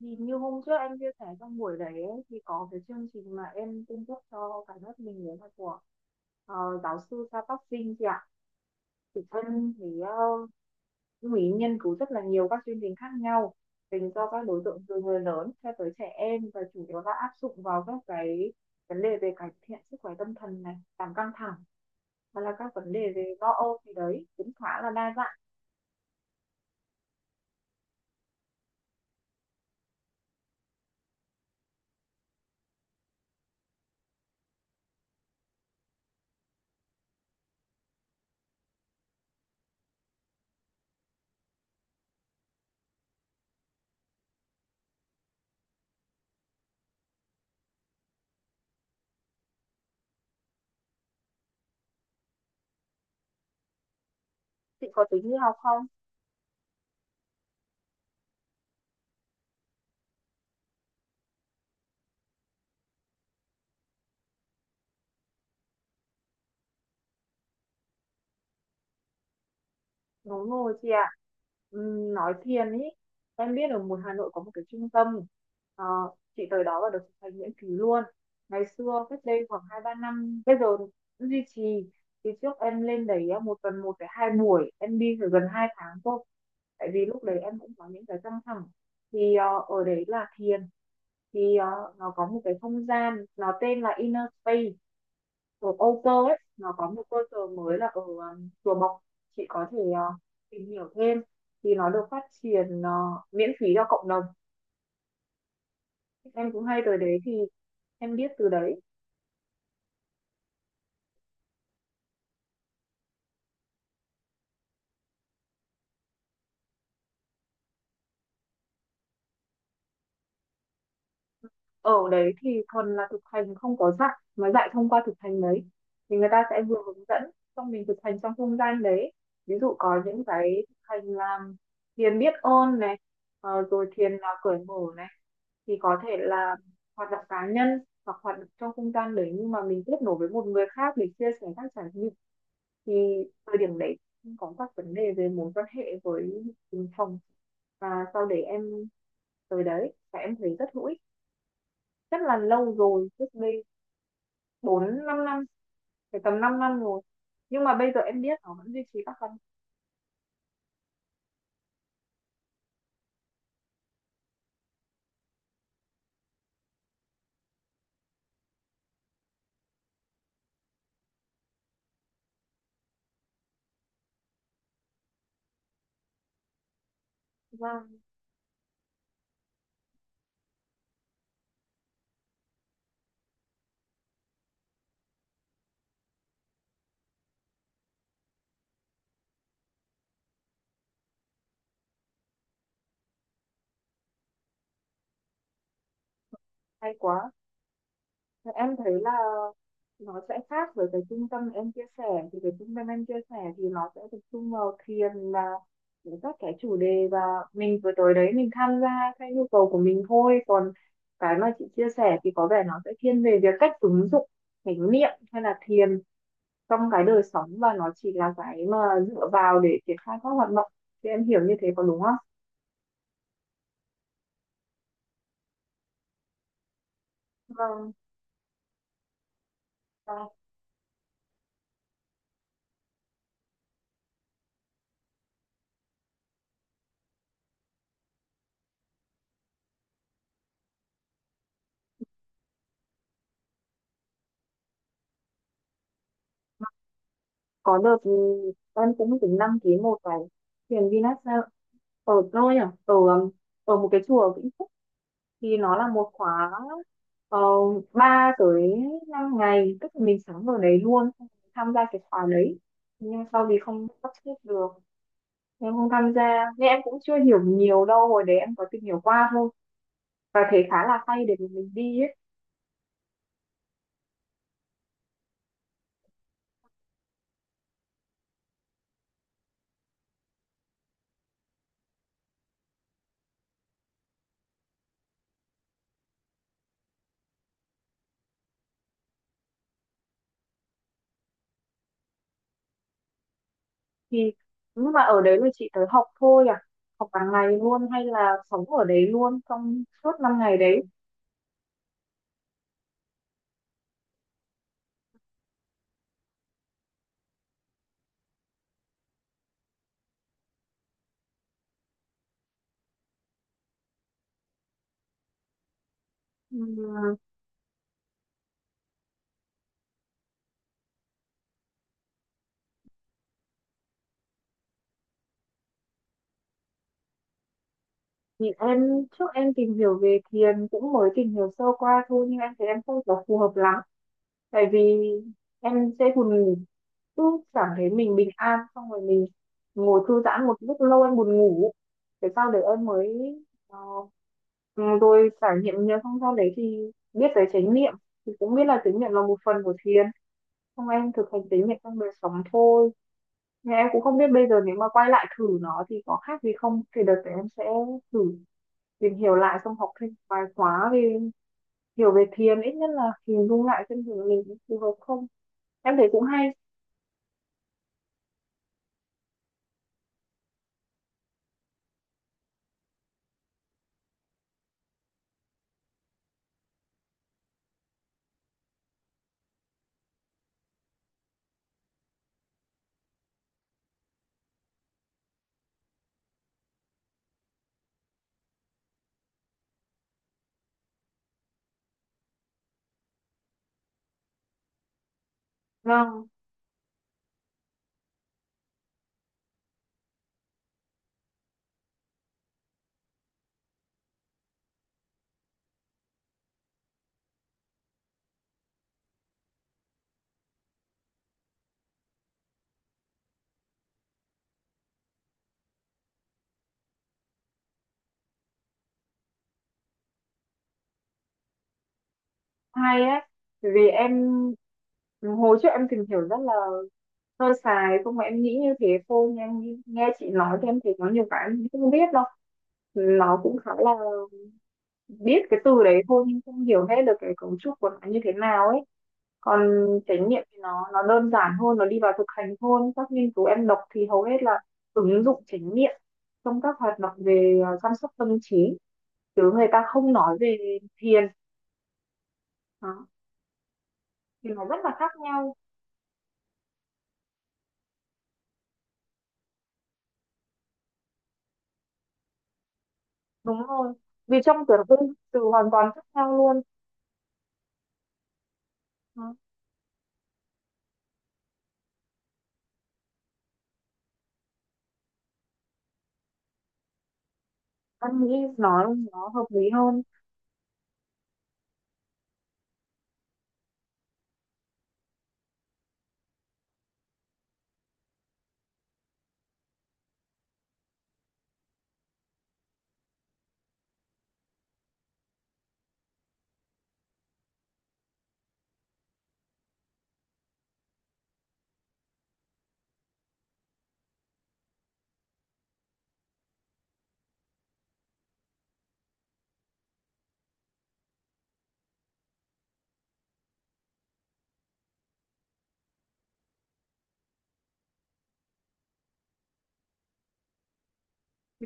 Thì như hôm trước anh chia sẻ trong buổi đấy ấy, thì có cái chương trình mà em cung cấp cho cả lớp mình đấy là của ờ, giáo sư Sa Tóc Sinh chị ạ. Thì thân thì cũng ý nghiên cứu rất là nhiều các chương trình khác nhau dành cho các đối tượng từ người lớn cho tới trẻ em và chủ yếu là áp dụng vào các cái vấn đề về cải thiện sức khỏe tâm thần này, giảm căng thẳng hoặc là các vấn đề về lo âu thì đấy cũng khá là đa dạng. Chị có tính đi học không? Đúng rồi chị ạ. Nói thiền ý, em biết ở một Hà Nội có một cái trung tâm, Ờ, chị tới đó và được thực hành miễn phí luôn. Ngày xưa, cách đây khoảng 2-3 năm, bây giờ vẫn duy trì. Thì trước em lên đấy á, một tuần một cái 2 buổi, em đi phải gần 2 tháng thôi. Tại vì lúc đấy em cũng có những cái căng thẳng. Thì ở đấy là thiền, thì nó có một cái không gian, nó tên là Inner Space ở Âu Cơ ấy, nó có một cơ sở mới là ở Chùa Bộc, chị có thể tìm hiểu thêm, thì nó được phát triển miễn phí cho cộng đồng, em cũng hay tới đấy thì em biết từ đấy. Ở đấy thì thuần là thực hành, không có dạy mà dạy thông qua thực hành đấy, thì người ta sẽ vừa hướng dẫn xong mình thực hành trong không gian đấy, ví dụ có những cái thực hành làm thiền biết ơn này, rồi thiền cởi mở này, thì có thể là hoạt động cá nhân hoặc hoạt động trong không gian đấy nhưng mà mình kết nối với một người khác để chia sẻ các trải nghiệm. Thì thời điểm đấy cũng có các vấn đề về mối quan hệ với từng phòng và sau đấy em tới đấy và em thấy rất hữu ích, rất là lâu rồi, trước đây 4-5 năm, phải tầm 5 năm rồi, nhưng mà bây giờ em biết nó vẫn duy trì các hoạt động. Hay quá. Thì em thấy là nó sẽ khác với cái trung tâm em chia sẻ, thì cái trung tâm em chia sẻ thì nó sẽ tập trung vào thiền là những các cái chủ đề và mình vừa tới đấy mình tham gia theo nhu cầu của mình thôi, còn cái mà chị chia sẻ thì có vẻ nó sẽ thiên về việc cách ứng dụng chánh niệm hay là thiền trong cái đời sống và nó chỉ là cái mà dựa vào để triển khai các hoạt động, thì em hiểu như thế có đúng không? Vâng. Có đợt em cũng tính đăng ký một cái thiền Vinyasa ở tôi à, ở ở một cái chùa ở Vĩnh Phúc, thì nó là một khóa 3 tới 5 ngày, tức là mình sáng ở đấy luôn xong tham gia cái khóa đấy, nhưng sau thì không sắp xếp được, em không tham gia nên em cũng chưa hiểu nhiều đâu, hồi đấy em có tìm hiểu qua thôi và thấy khá là hay để mình đi ấy. Thì nhưng mà ở đấy là chị tới học thôi à, học cả ngày luôn hay là sống ở đấy luôn trong suốt 5 ngày đấy? Ừ, thì em trước em tìm hiểu về thiền cũng mới tìm hiểu sơ qua thôi nhưng em thấy em không có phù hợp lắm, tại vì em sẽ buồn ngủ, cứ cảm thấy mình bình an xong rồi mình ngồi thư giãn một lúc lâu em buồn ngủ, thế sau đấy em mới ờ, rồi trải nghiệm nhiều xong sau đấy thì biết tới chánh niệm, thì cũng biết là chánh niệm là một phần của thiền, xong em thực hành chánh niệm trong đời sống thôi, nhưng em cũng không biết bây giờ nếu mà quay lại thử nó thì có khác gì không, thì đợt đấy em sẽ thử tìm hiểu lại xong học thêm vài khóa về hiểu về thiền, ít nhất là hình dung lại xem thử mình phù hợp không, em thấy cũng hay. Vâng, hay ấy, bởi vì em hồi trước em tìm hiểu rất là sơ sài, không mà em nghĩ như thế thôi, nhưng em nghe nghe chị nói thì em thấy có nhiều cái em không biết đâu, nó cũng khá là biết cái từ đấy thôi nhưng không hiểu hết được cái cấu trúc của nó như thế nào ấy, còn trải nghiệm thì nó đơn giản hơn, nó đi vào thực hành hơn, các nghiên cứu em đọc thì hầu hết là ứng dụng trải nghiệm trong các hoạt động về chăm sóc tâm trí, chứ người ta không nói về thiền. Đó. Thì nó rất là khác nhau, đúng rồi, vì trong tưởng tượng từ hoàn toàn khác nhau luôn. Đó. Em nghĩ nói nó hợp lý hơn.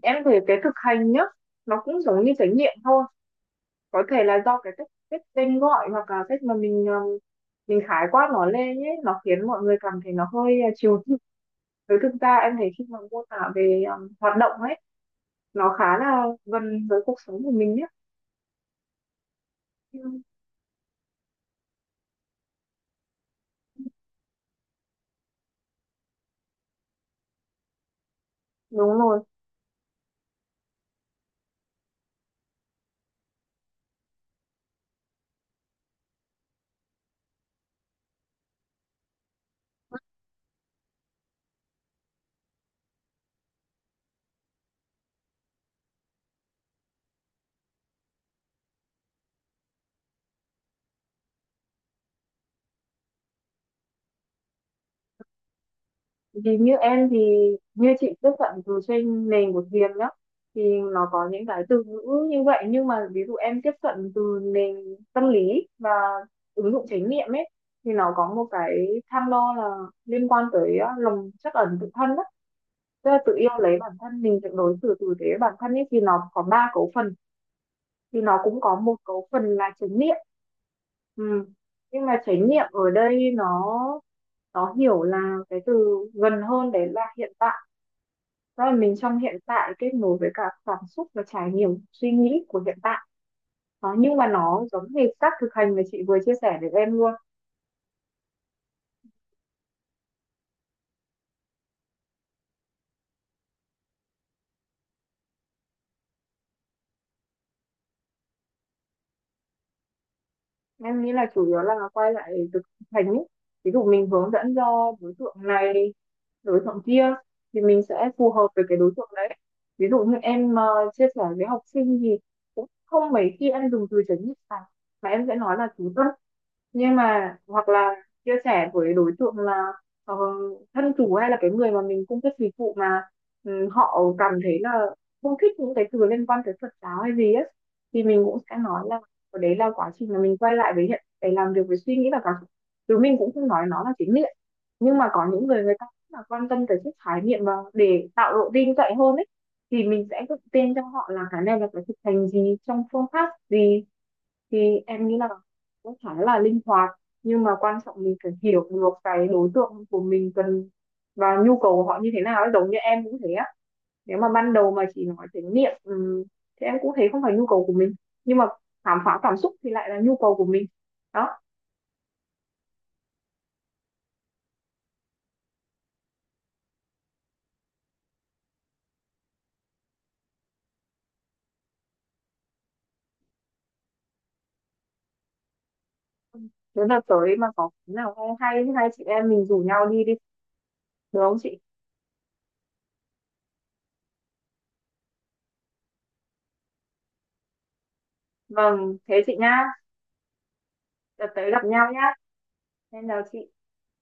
Em thấy cái thực hành nhá, nó cũng giống như trải nghiệm thôi, có thể là do cái cách cách tên gọi hoặc là cách mà mình mình khái quát nó lên ấy, nó khiến mọi người cảm thấy nó hơi chiều chuộng, với thực ra em thấy khi mà mô tả về hoạt động ấy nó khá là gần với cuộc sống của mình nhé. Ừ, đúng rồi. Vì như em thì như chị tiếp cận từ trên nền của Hiền nhá, thì nó có những cái từ ngữ như vậy nhưng mà ví dụ em tiếp cận từ nền tâm lý và ứng dụng chánh niệm ấy, thì nó có một cái tham đo là liên quan tới lòng trắc ẩn tự thân đó, tức là tự yêu lấy bản thân mình, tự đối xử tử tế với bản thân ấy thì nó có 3 cấu phần, thì nó cũng có một cấu phần là chánh niệm. Ừ. Nhưng mà chánh niệm ở đây nó hiểu là cái từ gần hơn đấy là hiện tại, đó là mình trong hiện tại kết nối với cả cảm xúc và trải nghiệm suy nghĩ của hiện tại. Đó, nhưng mà nó giống hệt các thực hành mà chị vừa chia sẻ với em luôn. Em nghĩ là chủ yếu là quay lại thực hành ấy. Ví dụ mình hướng dẫn cho đối tượng này, đối tượng kia thì mình sẽ phù hợp với cái đối tượng đấy. Ví dụ như em chia sẻ với học sinh thì cũng không mấy khi em dùng từ chấn định cả. Mà em sẽ nói là chú tâm, nhưng mà hoặc là chia sẻ với đối tượng là ờ, thân chủ hay là cái người mà mình cung cấp dịch vụ mà họ cảm thấy là không thích những cái từ liên quan tới Phật giáo hay gì ấy, thì mình cũng sẽ nói là ở đấy là quá trình mà mình quay lại với hiện để làm việc với suy nghĩ và cảm xúc, chứ mình cũng không nói nó là chính niệm, nhưng mà có những người người ta cũng là quan tâm tới chất khái niệm và để tạo độ tin cậy hơn ấy, thì mình sẽ tự tin cho họ là cái này là phải thực hành gì trong phương pháp gì. Thì em nghĩ là cũng khá là linh hoạt, nhưng mà quan trọng mình phải hiểu được cái đối tượng của mình cần và nhu cầu của họ như thế nào ấy. Giống như em cũng thế á, nếu mà ban đầu mà chỉ nói đến miệng thì em cũng thấy không phải nhu cầu của mình, nhưng mà khám phá cảm xúc thì lại là nhu cầu của mình. Đó. Nếu là tới mà có cái nào hay hay thì hai chị em mình rủ nhau đi đi, được không chị? Vâng, thế chị nha, đợt tới gặp nhau nhá, nên là chị